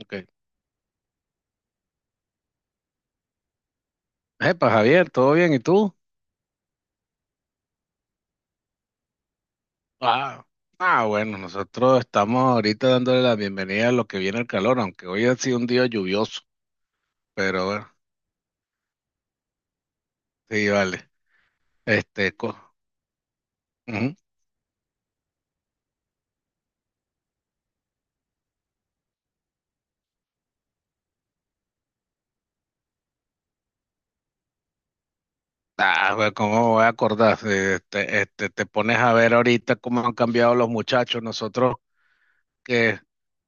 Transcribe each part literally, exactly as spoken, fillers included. Okay. Epa, Javier, ¿todo bien? ¿Y tú? Ah, ah, bueno, nosotros estamos ahorita dándole la bienvenida a lo que viene el calor, aunque hoy ha sido un día lluvioso, pero bueno, sí, vale. Este, co- ujú. Ah, bueno, ¿cómo me voy a acordar? Eh, Este, este, te pones a ver ahorita cómo han cambiado los muchachos. Nosotros que,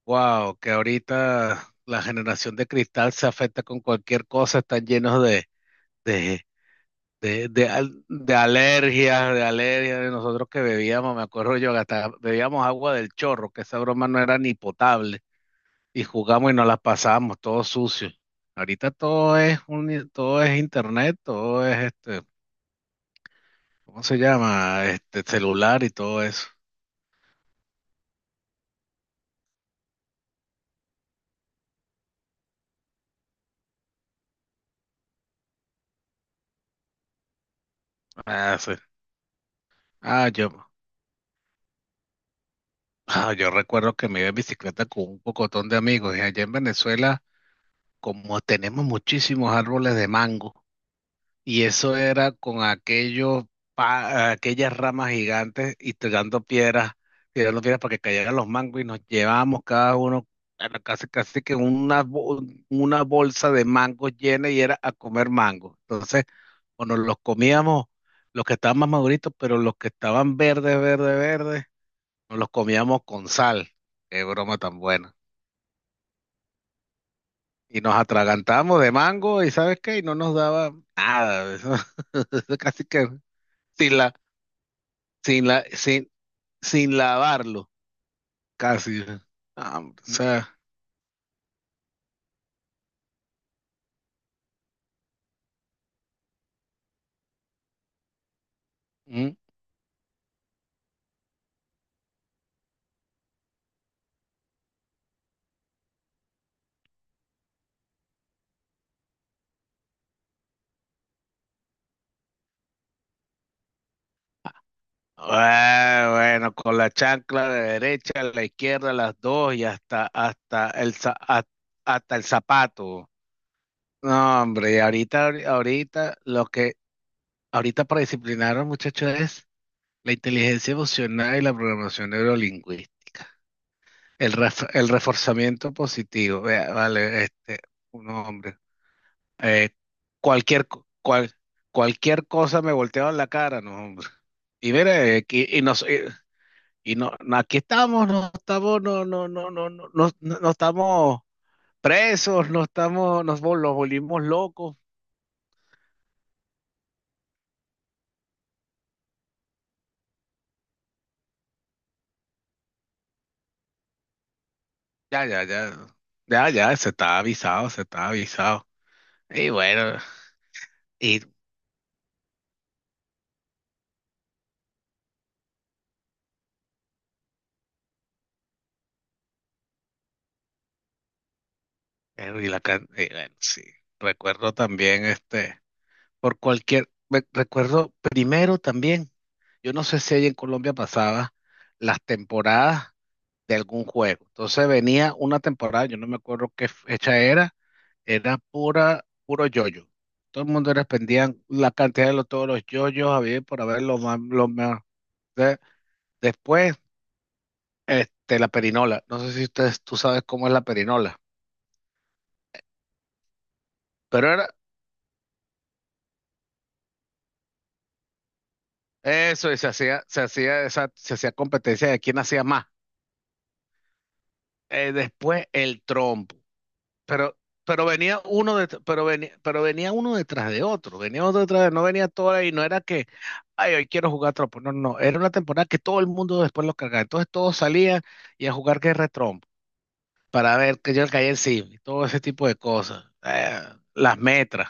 wow, que ahorita la generación de cristal se afecta con cualquier cosa, están llenos de, De, de, al- de alergias, de alergias, de nosotros que bebíamos, me acuerdo yo, que hasta bebíamos agua del chorro, que esa broma no era ni potable, y jugamos y nos las pasábamos todo sucio. Ahorita todo es un, todo es internet, todo es este, ¿cómo se llama? Este celular y todo eso. Ah, sí. Ah, yo, ah, yo recuerdo que me iba en bicicleta con un pocotón de amigos, y allá en Venezuela, como tenemos muchísimos árboles de mango. Y eso era con aquellos, pa- Aquellas ramas gigantes y tirando piedras, tirando piedras para que cayeran los mangos y nos llevábamos cada uno era casi, casi que una, bo- una bolsa de mangos llena y era a comer mangos. Entonces, o nos los comíamos los que estaban más maduritos, pero los que estaban verdes, verdes, verdes, nos los comíamos con sal. Qué broma tan buena. Y nos atragantábamos de mango y ¿sabes qué? Y no nos daba nada. eso casi que... Si la, sin la, sin, sin lavarlo, casi. Ah, hombre, o sea, ¿Mm? Ah, bueno, con la chancla de derecha, a la izquierda, las dos y hasta, hasta el, za- ha- hasta el zapato. No, hombre, y ahorita, ahorita, lo que, ahorita para disciplinar a los muchachos es la inteligencia emocional y la programación neurolingüística. El, ref- el reforzamiento positivo. Vea, vale, este, un hombre. Eh, cualquier, co- cual, Cualquier cosa me volteaban la cara, no, hombre. Y mira, eh, que- y, nos, eh, Y no, no, aquí estamos, no estamos, no, no, no, no, no, no, no- no estamos presos, no estamos, nos, vol- nos volvimos locos. Ya, ya, ya, ya, ya, se está avisado, se está avisado. Y bueno, y, eh, y la, can- y bueno, sí, recuerdo también este, por cualquier, me- recuerdo primero también. Yo no sé si ahí en Colombia pasaba las temporadas de algún juego. Entonces venía una temporada, yo no me acuerdo qué fecha era, era pura, puro yoyo. Todo el mundo era pendían la cantidad de los, todos los yoyos, había por haber los más, los más. De- Después, este, la perinola. No sé si ustedes, tú sabes cómo es la perinola. Pero era eso, y se hacía, se hacía esa, se hacía competencia de quién hacía más. Eh, después el trompo. Pero, pero venía uno de, pero venía, pero venía uno detrás de otro, venía otro detrás de, no venía todo y no era que, ay, hoy quiero jugar trompo. No, no, no, era una temporada que todo el mundo después lo cargaba. Entonces todos salían y a jugar guerra de trompo para ver que yo le caía encima y todo ese tipo de cosas. Eh, las metras.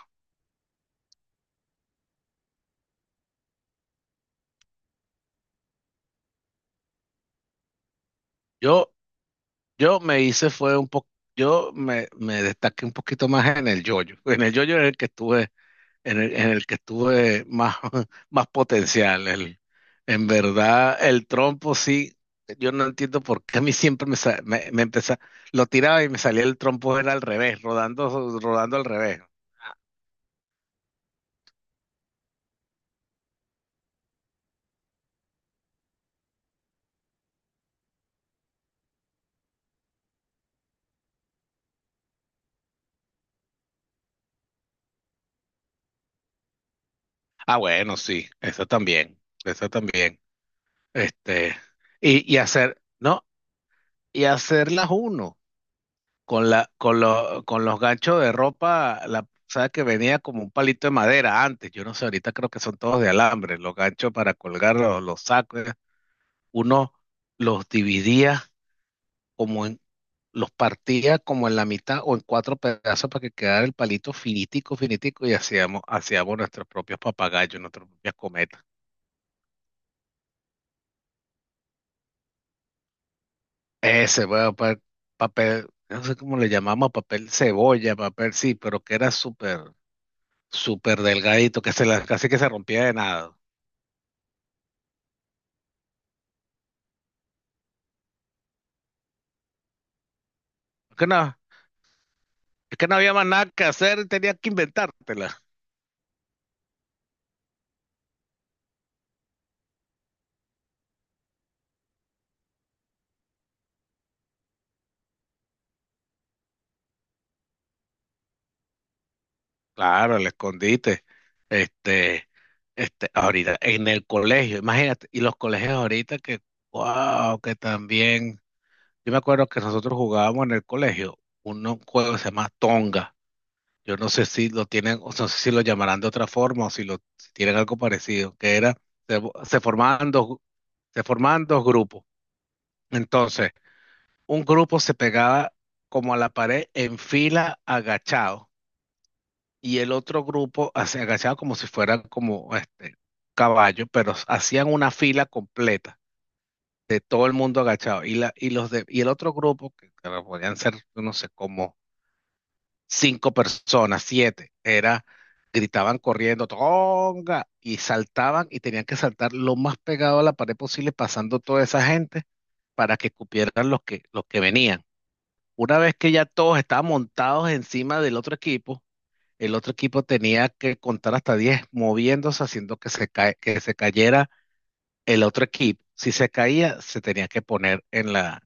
Yo, yo me hice fue un poco, yo me, me destaqué un poquito más en el yoyo. En el yoyo es el que estuve en el, en el que estuve más, más potencial. El, en verdad, el trompo sí, yo no entiendo por qué a mí siempre me, sa- me, me empeza- lo tiraba y me salía el trompo era al revés, rodando, rodando al revés. Ah, bueno, sí, eso también, eso también. Este, y, y hacer, no, Y hacerlas uno, con la, con lo- con los ganchos de ropa, la, sabes que venía como un palito de madera antes, yo no sé, ahorita creo que son todos de alambre, los ganchos para colgar los, los sacos. Uno los dividía como en, los partía como en la mitad o en cuatro pedazos para que quedara el palito finitico, finitico y hacíamos, hacíamos nuestros propios papagayos, nuestras propias cometas. Ese, bueno, pa- Papel, no sé cómo le llamamos, papel cebolla, papel sí, pero que era súper súper delgadito, que se la, casi que se rompía de nada. Es que no, es que no había más nada que hacer, y tenía que inventártela. Claro, el escondite. Este, este, ahorita, en el colegio, imagínate, y los colegios ahorita que, wow, que también. Yo me acuerdo que nosotros jugábamos en el colegio un un juego que se llama Tonga. Yo no sé si lo tienen, o sea, no sé si lo llamarán de otra forma o si lo si tienen algo parecido, que era, se, se formaban dos, se formaban dos grupos. Entonces, un grupo se pegaba como a la pared en fila agachado y el otro grupo hacía- agachado como si fuera como este caballo, pero hacían una fila completa de todo el mundo agachado y la y los de y el otro grupo que claro, podían ser no sé como cinco personas, siete, era gritaban corriendo tonga y saltaban y tenían que saltar lo más pegado a la pared posible pasando toda esa gente para que cupieran los que los que venían. Una vez que ya todos estaban montados encima del otro equipo, el otro equipo tenía que contar hasta diez moviéndose, haciendo que se, cae- que se cayera el otro equipo. Si se caía, se tenía que poner en la,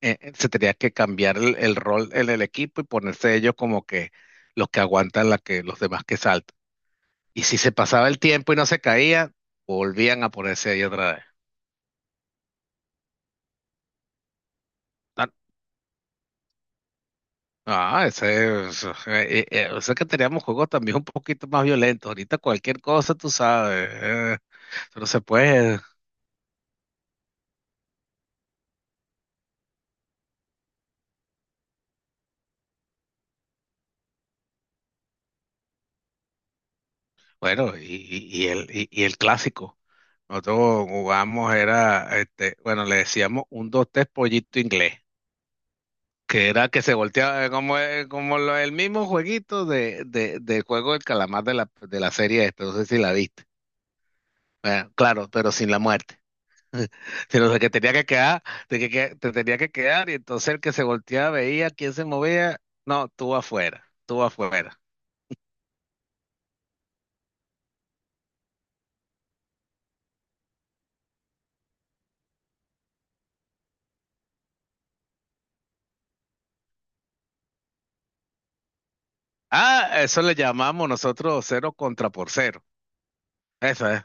eh, eh, se tenía que cambiar el, el rol en el equipo y ponerse ellos como que los que aguantan la que, los demás que saltan. Y si se pasaba el tiempo y no se caía, volvían a ponerse ahí otra vez. Ah, ese, es- eh, eh, eh, o sea que teníamos juegos también un poquito más violentos. Ahorita cualquier cosa, tú sabes, eh, eso no se puede. Bueno, y, y- y el, y, y el clásico. Nosotros jugamos, era, este, bueno, le decíamos un, dos, tres pollito inglés, que era que se volteaba eh, como, eh, como lo- el mismo jueguito de, de, del juego del calamar de la, de la serie esta, no sé si la viste. Bueno, claro, pero sin la muerte. Pero de que tenía que quedar, de que, que- Te tenía que quedar, y entonces el que se volteaba veía quién se movía. No, tú afuera, tú afuera. Ah, eso le llamamos nosotros cero contra por cero. Eso es,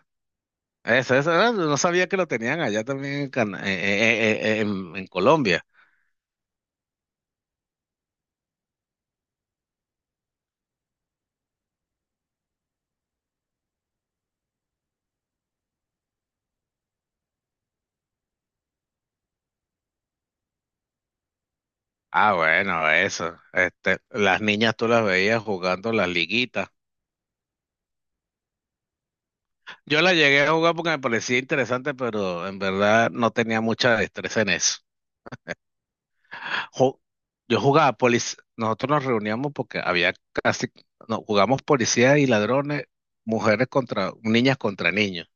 eso, Eso. Ah, No sabía que lo tenían allá también en, Cana- eh, eh, eh, eh, en- en Colombia. Ah, bueno, eso. Este, las niñas tú las veías jugando las liguitas. Yo las llegué a jugar porque me parecía interesante, pero en verdad no tenía mucha destreza en eso. Ju- Yo jugaba policía, nosotros nos reuníamos porque había casi, no, jugamos policía y ladrones, mujeres contra, niñas contra niños,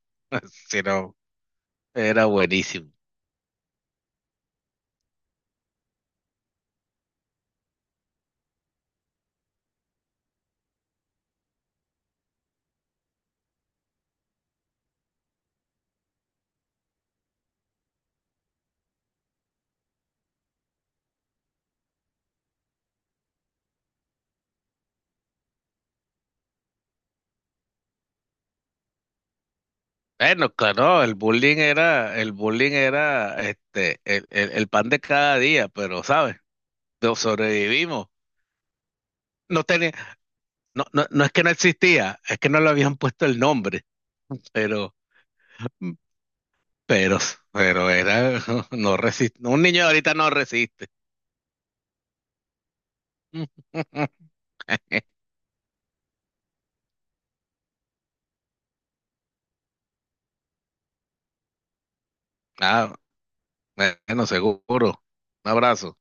sino era buenísimo. Bueno, claro, el bullying era, el bullying era este, el, el- el pan de cada día, pero ¿sabes? Lo sobrevivimos. No tenía, no, no, no es que no existía, es que no le habían puesto el nombre, pero, pero, pero era, no resiste, un niño de ahorita no resiste. Ah, bueno, seguro. Un abrazo.